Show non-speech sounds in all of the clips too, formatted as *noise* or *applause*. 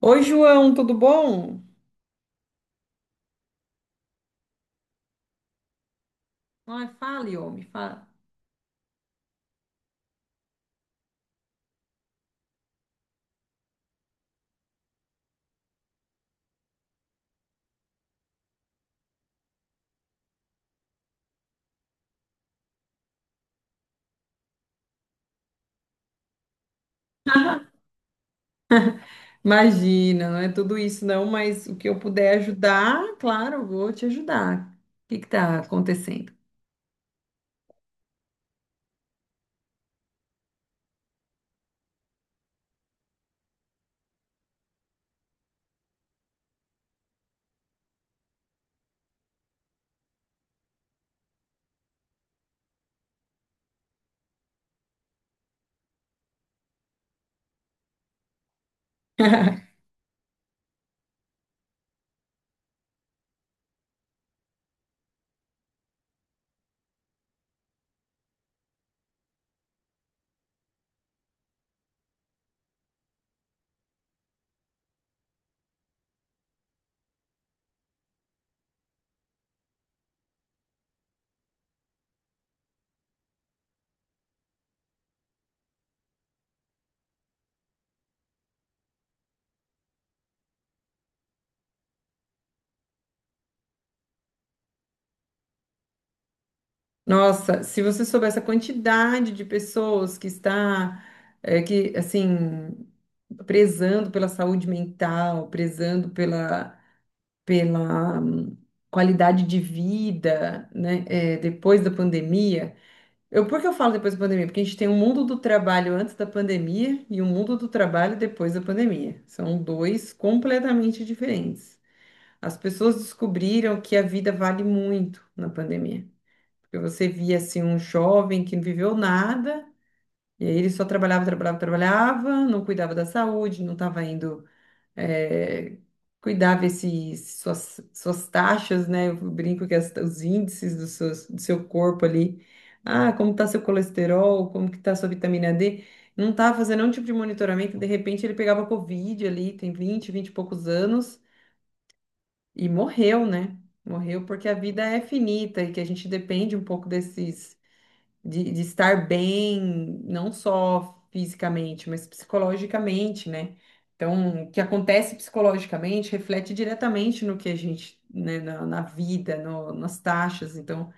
Oi, João, tudo bom? Ai, fale, homem, fala. *laughs* Imagina, não é tudo isso não, mas o que eu puder ajudar, claro, eu vou te ajudar. O que que tá acontecendo? *laughs* Nossa, se você soubesse a quantidade de pessoas que assim, prezando pela saúde mental, prezando pela qualidade de vida, né? Depois da pandemia. Por que eu falo depois da pandemia? Porque a gente tem o mundo do trabalho antes da pandemia e o mundo do trabalho depois da pandemia. São dois completamente diferentes. As pessoas descobriram que a vida vale muito na pandemia. Porque você via assim um jovem que não viveu nada, e aí ele só trabalhava, trabalhava, trabalhava, não cuidava da saúde, não estava indo é, cuidar, ver suas taxas, né? Eu brinco que os índices do seu corpo ali. Ah, como tá seu colesterol, como que tá sua vitamina D. Não estava fazendo nenhum tipo de monitoramento. De repente ele pegava Covid ali, tem 20, 20 e poucos anos, e morreu, né? Morreu porque a vida é finita e que a gente depende um pouco desses de estar bem, não só fisicamente, mas psicologicamente, né? Então, o que acontece psicologicamente reflete diretamente no que a gente, né, na vida, nas taxas. Então,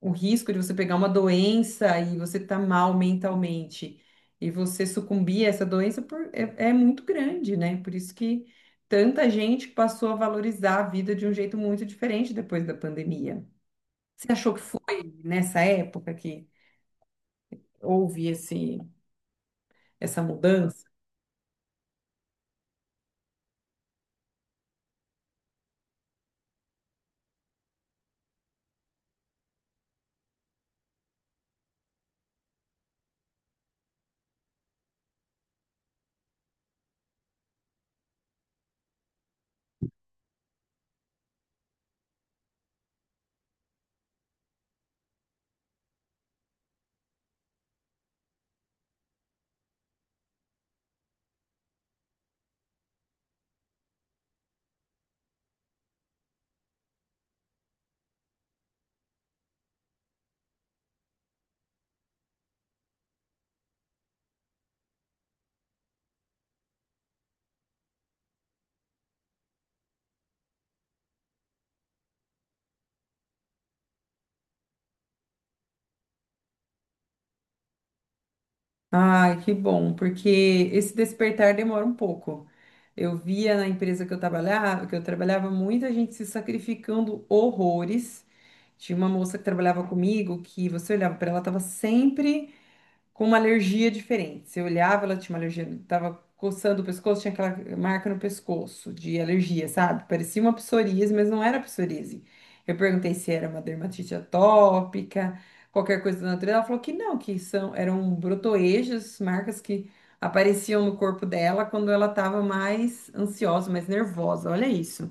o risco de você pegar uma doença e você tá mal mentalmente e você sucumbir a essa doença é muito grande, né? Por isso que tanta gente passou a valorizar a vida de um jeito muito diferente depois da pandemia. Você achou que foi nessa época que houve essa mudança. Ai, que bom, porque esse despertar demora um pouco. Eu via na empresa que eu trabalhava, muita gente se sacrificando horrores. Tinha uma moça que trabalhava comigo que você olhava para ela, estava sempre com uma alergia diferente. Você olhava, ela tinha uma alergia, tava coçando o pescoço, tinha aquela marca no pescoço de alergia, sabe? Parecia uma psoríase, mas não era psoríase. Eu perguntei se era uma dermatite atópica, qualquer coisa da natureza. Ela falou que não, eram brotoejos, marcas que apareciam no corpo dela quando ela estava mais ansiosa, mais nervosa. Olha isso.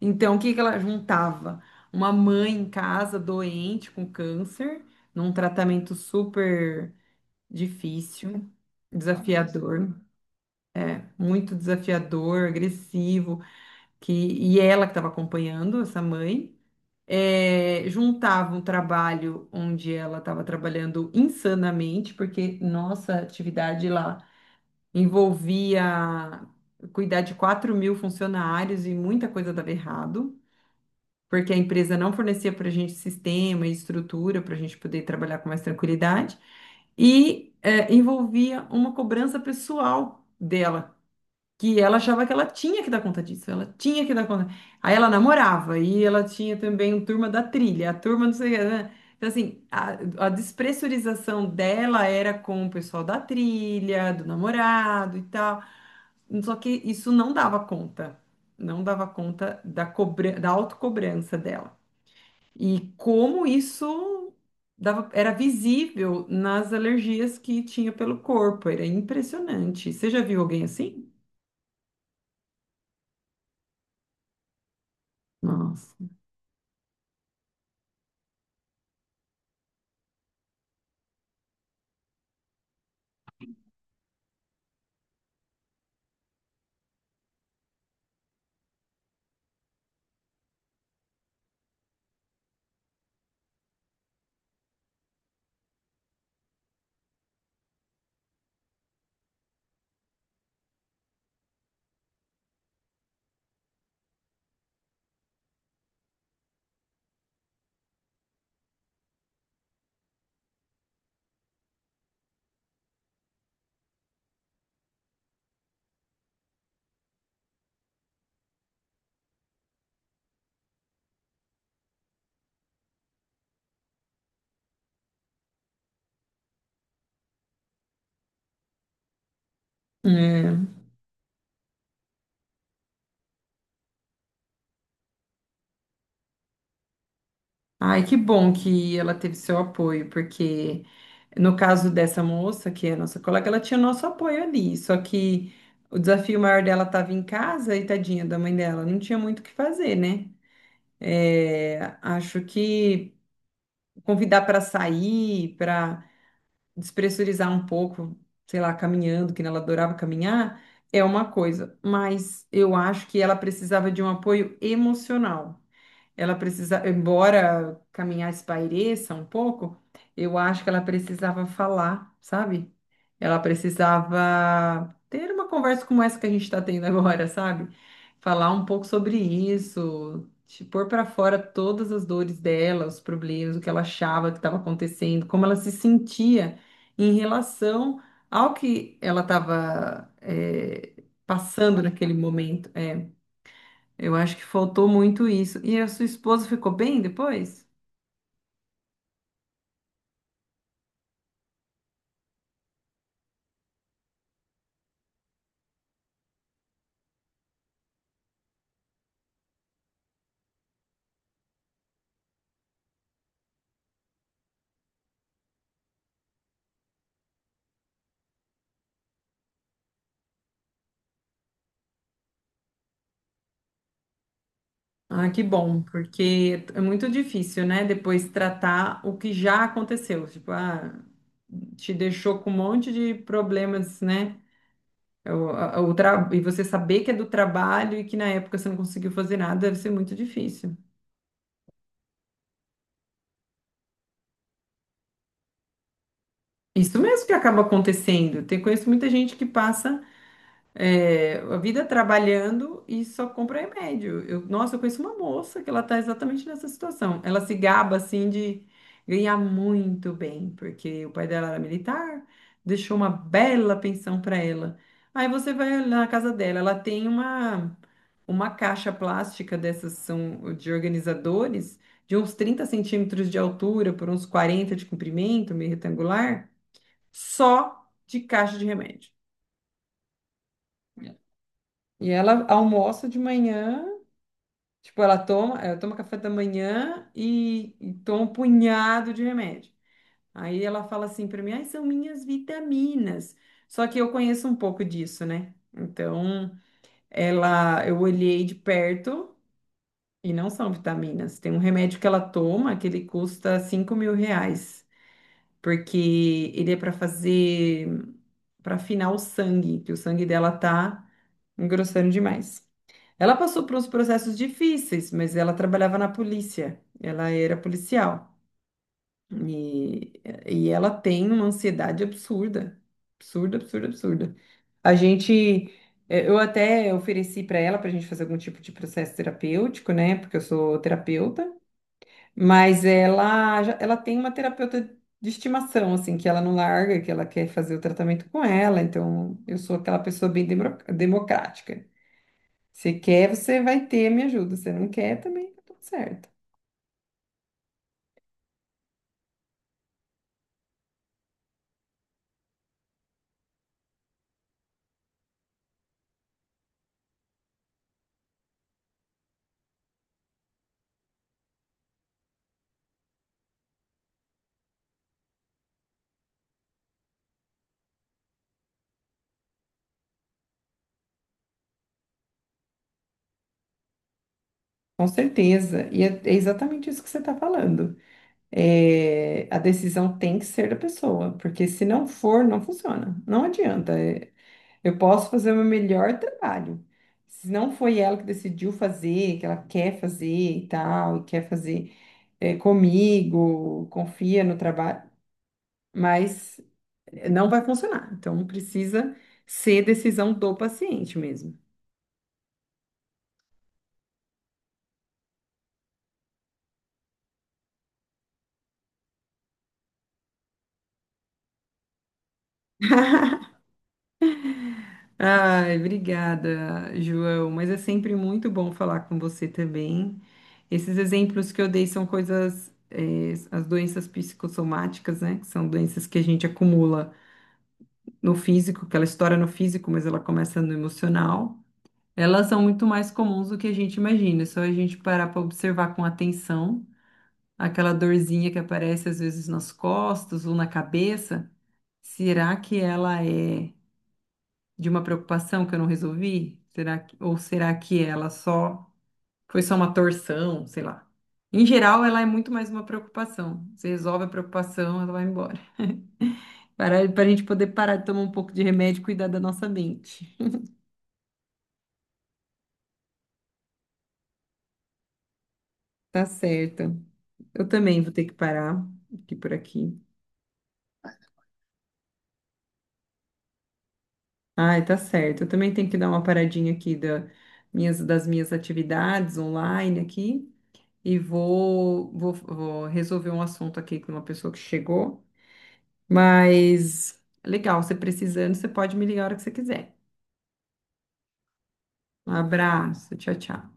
Então, o que que ela juntava? Uma mãe em casa doente com câncer, num tratamento super difícil, desafiador, muito desafiador, agressivo, que e ela que estava acompanhando essa mãe, juntava um trabalho onde ela estava trabalhando insanamente, porque nossa atividade lá envolvia cuidar de 4.000 funcionários e muita coisa dava errado. Porque a empresa não fornecia para a gente sistema e estrutura para a gente poder trabalhar com mais tranquilidade. E envolvia uma cobrança pessoal dela, que ela achava que ela tinha que dar conta disso, ela tinha que dar conta. Aí ela namorava e ela tinha também um turma da trilha, a turma não sei o que, né? Então, assim, a despressurização dela era com o pessoal da trilha, do namorado e tal. Só que isso não dava conta. Não dava conta da autocobrança dela. E como isso era visível nas alergias que tinha pelo corpo, era impressionante. Você já viu alguém assim? Nossa. É. Ai, que bom que ela teve seu apoio, porque no caso dessa moça, que é a nossa colega, ela tinha nosso apoio ali, só que o desafio maior dela estava em casa e tadinha da mãe dela, não tinha muito o que fazer, né? É, acho que convidar para sair, para despressurizar um pouco, sei lá, caminhando, que ela adorava caminhar, é uma coisa, mas eu acho que ela precisava de um apoio emocional. Ela precisava, embora caminhar espaireça um pouco, eu acho que ela precisava falar, sabe? Ela precisava ter uma conversa como essa que a gente está tendo agora, sabe? Falar um pouco sobre isso, te pôr para fora todas as dores dela, os problemas, o que ela achava que estava acontecendo, como ela se sentia em relação ao que ela estava, passando naquele momento. Eu acho que faltou muito isso. E a sua esposa ficou bem depois? Ah, que bom, porque é muito difícil, né? Depois tratar o que já aconteceu. Tipo, ah, te deixou com um monte de problemas, né? O, a- o tra- E você saber que é do trabalho e que na época você não conseguiu fazer nada, deve ser muito difícil. Isso mesmo que acaba acontecendo. Conheço muita gente que passa. É, a vida trabalhando e só compra remédio. Nossa, eu conheço uma moça que ela está exatamente nessa situação. Ela se gaba assim de ganhar muito bem, porque o pai dela era militar, deixou uma bela pensão para ela. Aí você vai na casa dela, ela tem uma caixa plástica dessas são de organizadores de uns 30 centímetros de altura por uns 40 de comprimento, meio retangular, só de caixa de remédio. E ela almoça de manhã, tipo, ela toma café da manhã e toma um punhado de remédio. Aí ela fala assim para mim, ai, são minhas vitaminas. Só que eu conheço um pouco disso, né? Então, eu olhei de perto e não são vitaminas. Tem um remédio que ela toma que ele custa R$ 5.000, porque ele é para fazer, para afinar o sangue, que o sangue dela tá engrossando demais. Ela passou por uns processos difíceis, mas ela trabalhava na polícia, ela era policial. E, e ela tem uma ansiedade absurda, absurda, absurda, absurda. A gente, eu até ofereci para ela para a gente fazer algum tipo de processo terapêutico, né? Porque eu sou terapeuta, mas ela tem uma terapeuta de estimação, assim, que ela não larga, que ela quer fazer o tratamento com ela. Então, eu sou aquela pessoa bem democrática. Se quer, você vai ter a minha ajuda. Se não quer, também tá tudo certo. Com certeza. E é exatamente isso que você está falando. É, a decisão tem que ser da pessoa, porque se não for, não funciona. Não adianta. É, eu posso fazer o meu melhor trabalho. Se não foi ela que decidiu fazer, que ela quer fazer e tal, e quer fazer, comigo, confia no trabalho, mas não vai funcionar. Então precisa ser decisão do paciente mesmo. *laughs* Ai, obrigada, João. Mas é sempre muito bom falar com você também. Esses exemplos que eu dei são coisas, as doenças psicossomáticas, né? Que são doenças que a gente acumula no físico, que ela estoura no físico, mas ela começa no emocional. Elas são muito mais comuns do que a gente imagina. É só a gente parar para observar com atenção aquela dorzinha que aparece às vezes nas costas ou na cabeça. Será que ela é de uma preocupação que eu não resolvi? Ou será que ela só foi só uma torção, sei lá. Em geral, ela é muito mais uma preocupação. Você resolve a preocupação, ela vai embora. Para a gente poder parar de tomar um pouco de remédio e cuidar da nossa mente. Tá certo. Eu também vou ter que parar aqui por aqui. Ai, tá certo. Eu também tenho que dar uma paradinha aqui das minhas atividades online aqui e vou resolver um assunto aqui com uma pessoa que chegou. Mas legal, você precisando, você pode me ligar a hora que você quiser. Um abraço, tchau, tchau.